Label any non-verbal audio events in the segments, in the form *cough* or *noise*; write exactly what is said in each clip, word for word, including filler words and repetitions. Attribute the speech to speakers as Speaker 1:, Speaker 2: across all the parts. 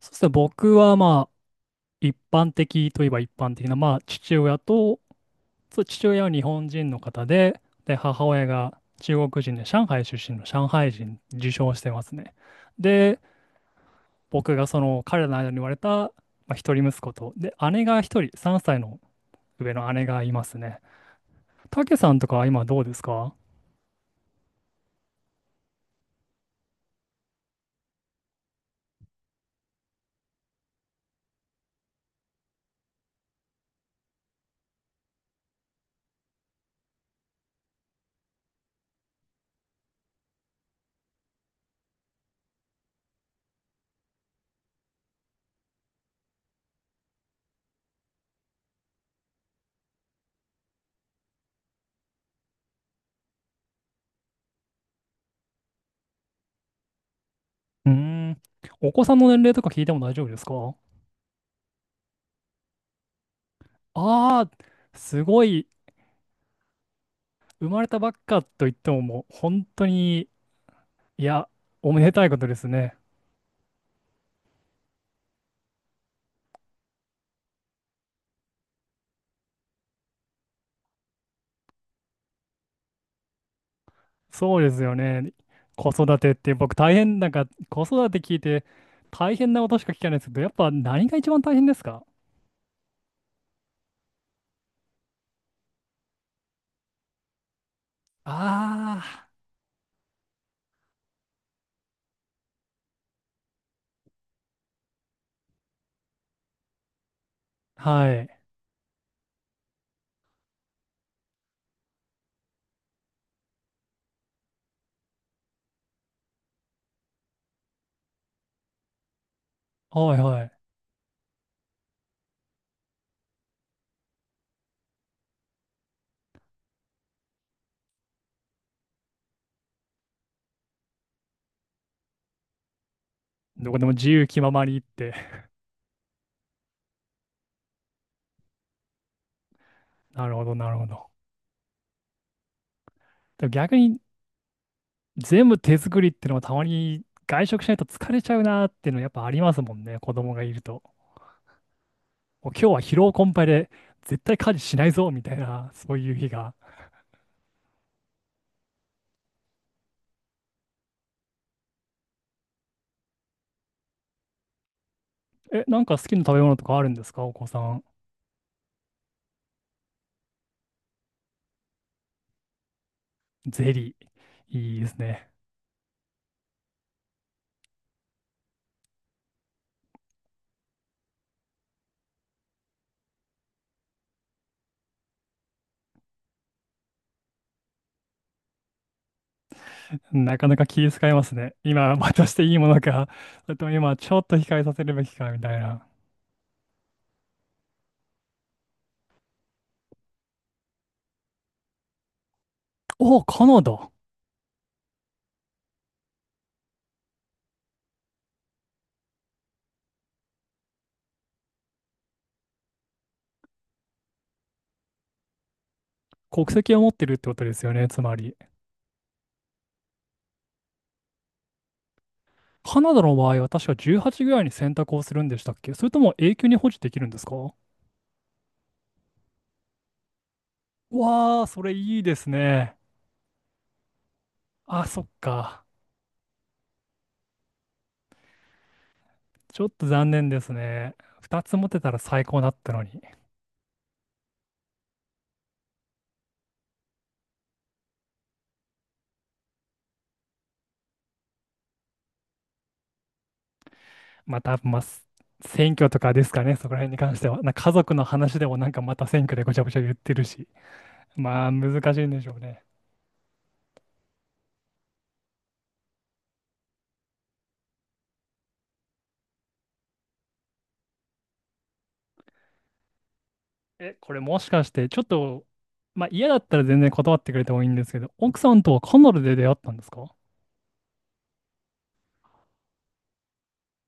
Speaker 1: そうですね、僕はまあ、一般的といえば一般的な、まあ、父親と、そう父親は日本人の方で、で、母親が中国人で、上海出身の上海人、受賞してますね。で、僕がその彼らの間に生まれた、まあ、一人息子と、で、姉が一人、さんさいの上の姉がいますね。たけさんとかは今どうですか？うーん、お子さんの年齢とか聞いても大丈夫ですか？ああー、すごい、生まれたばっかと言ってももう本当に、いや、おめでたいことですね。そうですよね。子育てって僕大変、なんか子育て聞いて大変なことしか聞かないですけど、やっぱ何が一番大変ですか？ああー、はい。はいはい。どこでも自由気ままにって。*laughs* なるほど、なるほど。でも逆に全部手作りってのはたまに外食しないと疲れちゃうなーっていうのやっぱありますもんね、子供がいると。もう今日は疲労困憊で絶対家事しないぞみたいな、そういう日が。え、なんか好きな食べ物とかあるんですか、お子さん。ゼリー。いいですね。なかなか気遣いますね。今、渡していいものか、*laughs* それとも今、ちょっと控えさせるべきか、みたいな。おカナダ。国籍を持ってるってことですよね、つまり。カナダの場合は確かじゅうはっぐらいに選択をするんでしたっけ、それとも永久に保持できるんですか？わー、それいいですね。あ、そっか。ちょっと残念ですね。ふたつ持てたら最高だったのに。またまあ、す選挙とかですかね、そこら辺に関しては。なんか家族の話でもなんかまた選挙でごちゃごちゃ言ってるし、まあ難しいんでしょうね。え、これもしかしてちょっと、まあ嫌だったら全然断ってくれてもいいんですけど、奥さんとはカナダで出会ったんですか？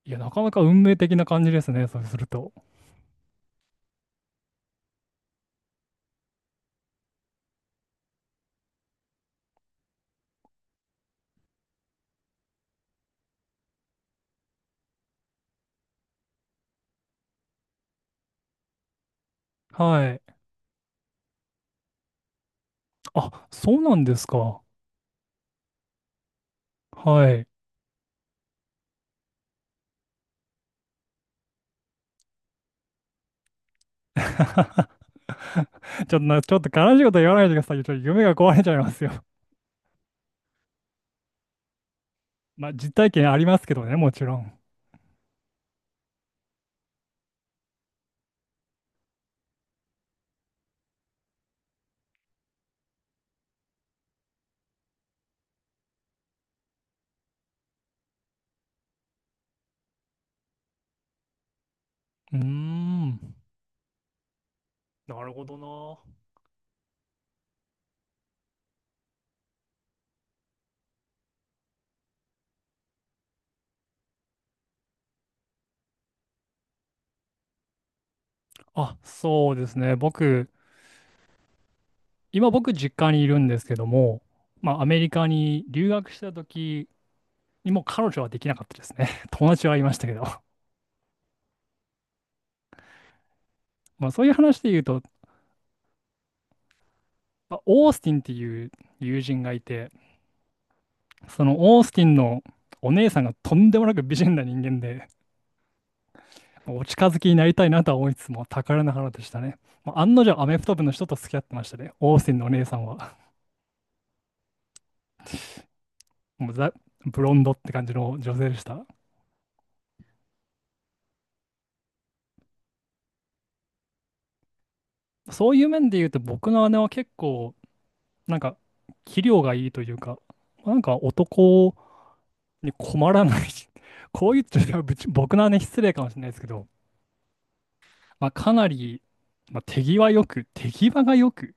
Speaker 1: いや、なかなか運命的な感じですね、そうすると。はい。あ、そうなんですか。はい。*laughs* ちょっとな、ちょっと悲しいこと言わないでくださいよ。ちょっと夢が壊れちゃいますよ。まあ、実体験ありますけどね、もちろん。うーん。なるほどな。あ、そうですね。僕、今僕実家にいるんですけども、まあアメリカに留学した時にも彼女はできなかったですね。*laughs* 友達はいましたけど。まあそういう話で言うと、まあオースティンっていう友人がいて、そのオースティンのお姉さんがとんでもなく美人な人間で、まあお近づきになりたいなとは思いつつも宝の花でしたね。まあ案の定アメフト部の人と付き合ってましたね。オースティンのお姉さんは。もうザ・ブロンドって感じの女性でした。そういう面で言うと僕の姉は結構、なんか、器量がいいというか、なんか男に困らない *laughs* こう言っちゃうとぶち僕の姉失礼かもしれないですけど、まあ、かなり、まあ、手際よく、手際がよく、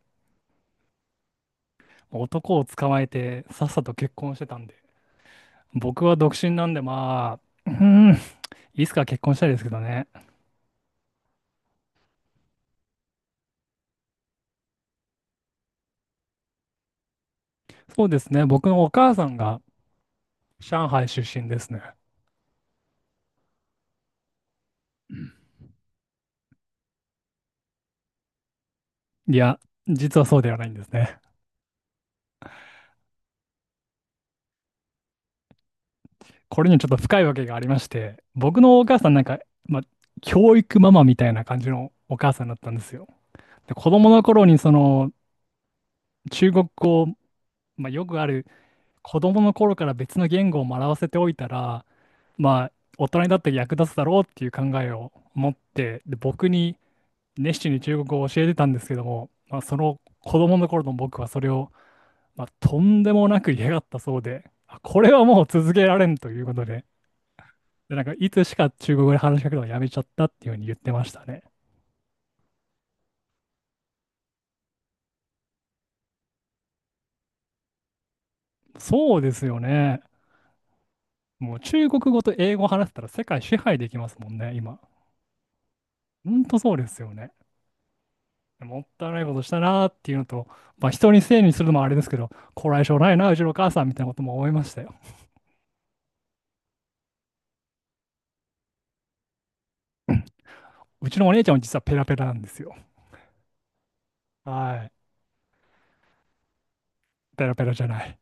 Speaker 1: まあ男を捕まえてさっさと結婚してたんで、僕は独身なんで、まあ、うーん、いつか結婚したいですけどね。そうですね、僕のお母さんが上海出身ですね。いや、実はそうではないんですね。これにちょっと深いわけがありまして、僕のお母さんなんか、まあ、教育ママみたいな感じのお母さんだったんですよ。で、子供の頃にその中国語、まあ、よくある子供の頃から別の言語を学ばせておいたら、まあ、大人になって役立つだろうっていう考えを持って、で、僕に熱心に中国語を教えてたんですけども、まあ、その子供の頃の僕はそれを、まあ、とんでもなく嫌がったそうで、あこれはもう続けられんということで、で、なんかいつしか中国語で話しかけるのをやめちゃったっていうふうに言ってましたね。そうですよね。もう中国語と英語を話せたら世界支配できますもんね、今。ほんとそうですよね。もったいないことしたなーっていうのと、まあ、人にせいにするのもあれですけど、こらえ性ないな、うちのお母さんみたいなことも思いましたよ。うちのお姉ちゃんも実はペラペラなんですよ。はい。ペラペラじゃない。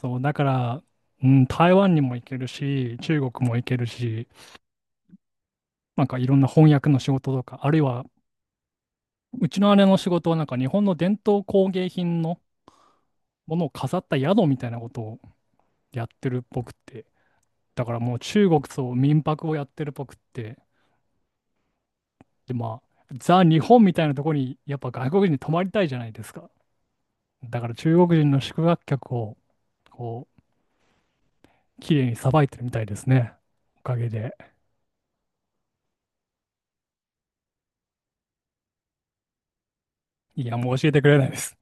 Speaker 1: そう、だから、うん、台湾にも行けるし、中国も行けるし、なんかいろんな翻訳の仕事とか、あるいは、うちの姉の仕事はなんか日本の伝統工芸品のものを飾った宿みたいなことをやってるっぽくて、だからもう中国と民泊をやってるっぽくって、で、まあ、ザ・日本みたいなところに、やっぱ外国人に泊まりたいじゃないですか。だから中国人の宿泊客を、こう、綺麗にさばいてるみたいですね。おかげで。いや、もう教えてくれないです。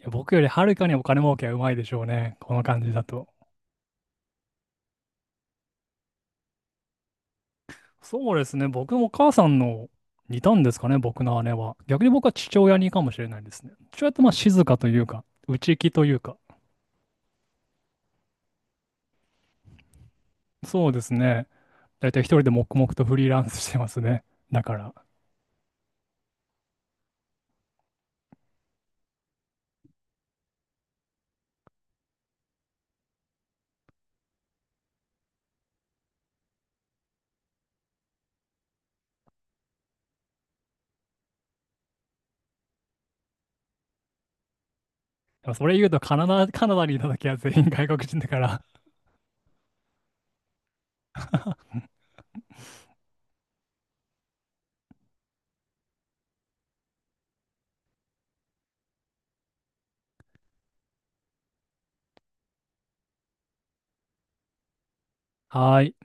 Speaker 1: いや、僕よりはるかにお金儲けはうまいでしょうね。この感じだと。そうですね。僕もお母さんの似たんですかね、僕の姉は。逆に僕は父親にかもしれないですね。父親ってまあ静かというか、内気というか。そうですね。だいたい一人で黙々とフリーランスしてますね。だから。でもそれ言うとカナダ、カナダにいたきは全員外国人だから、*laughs* はーい、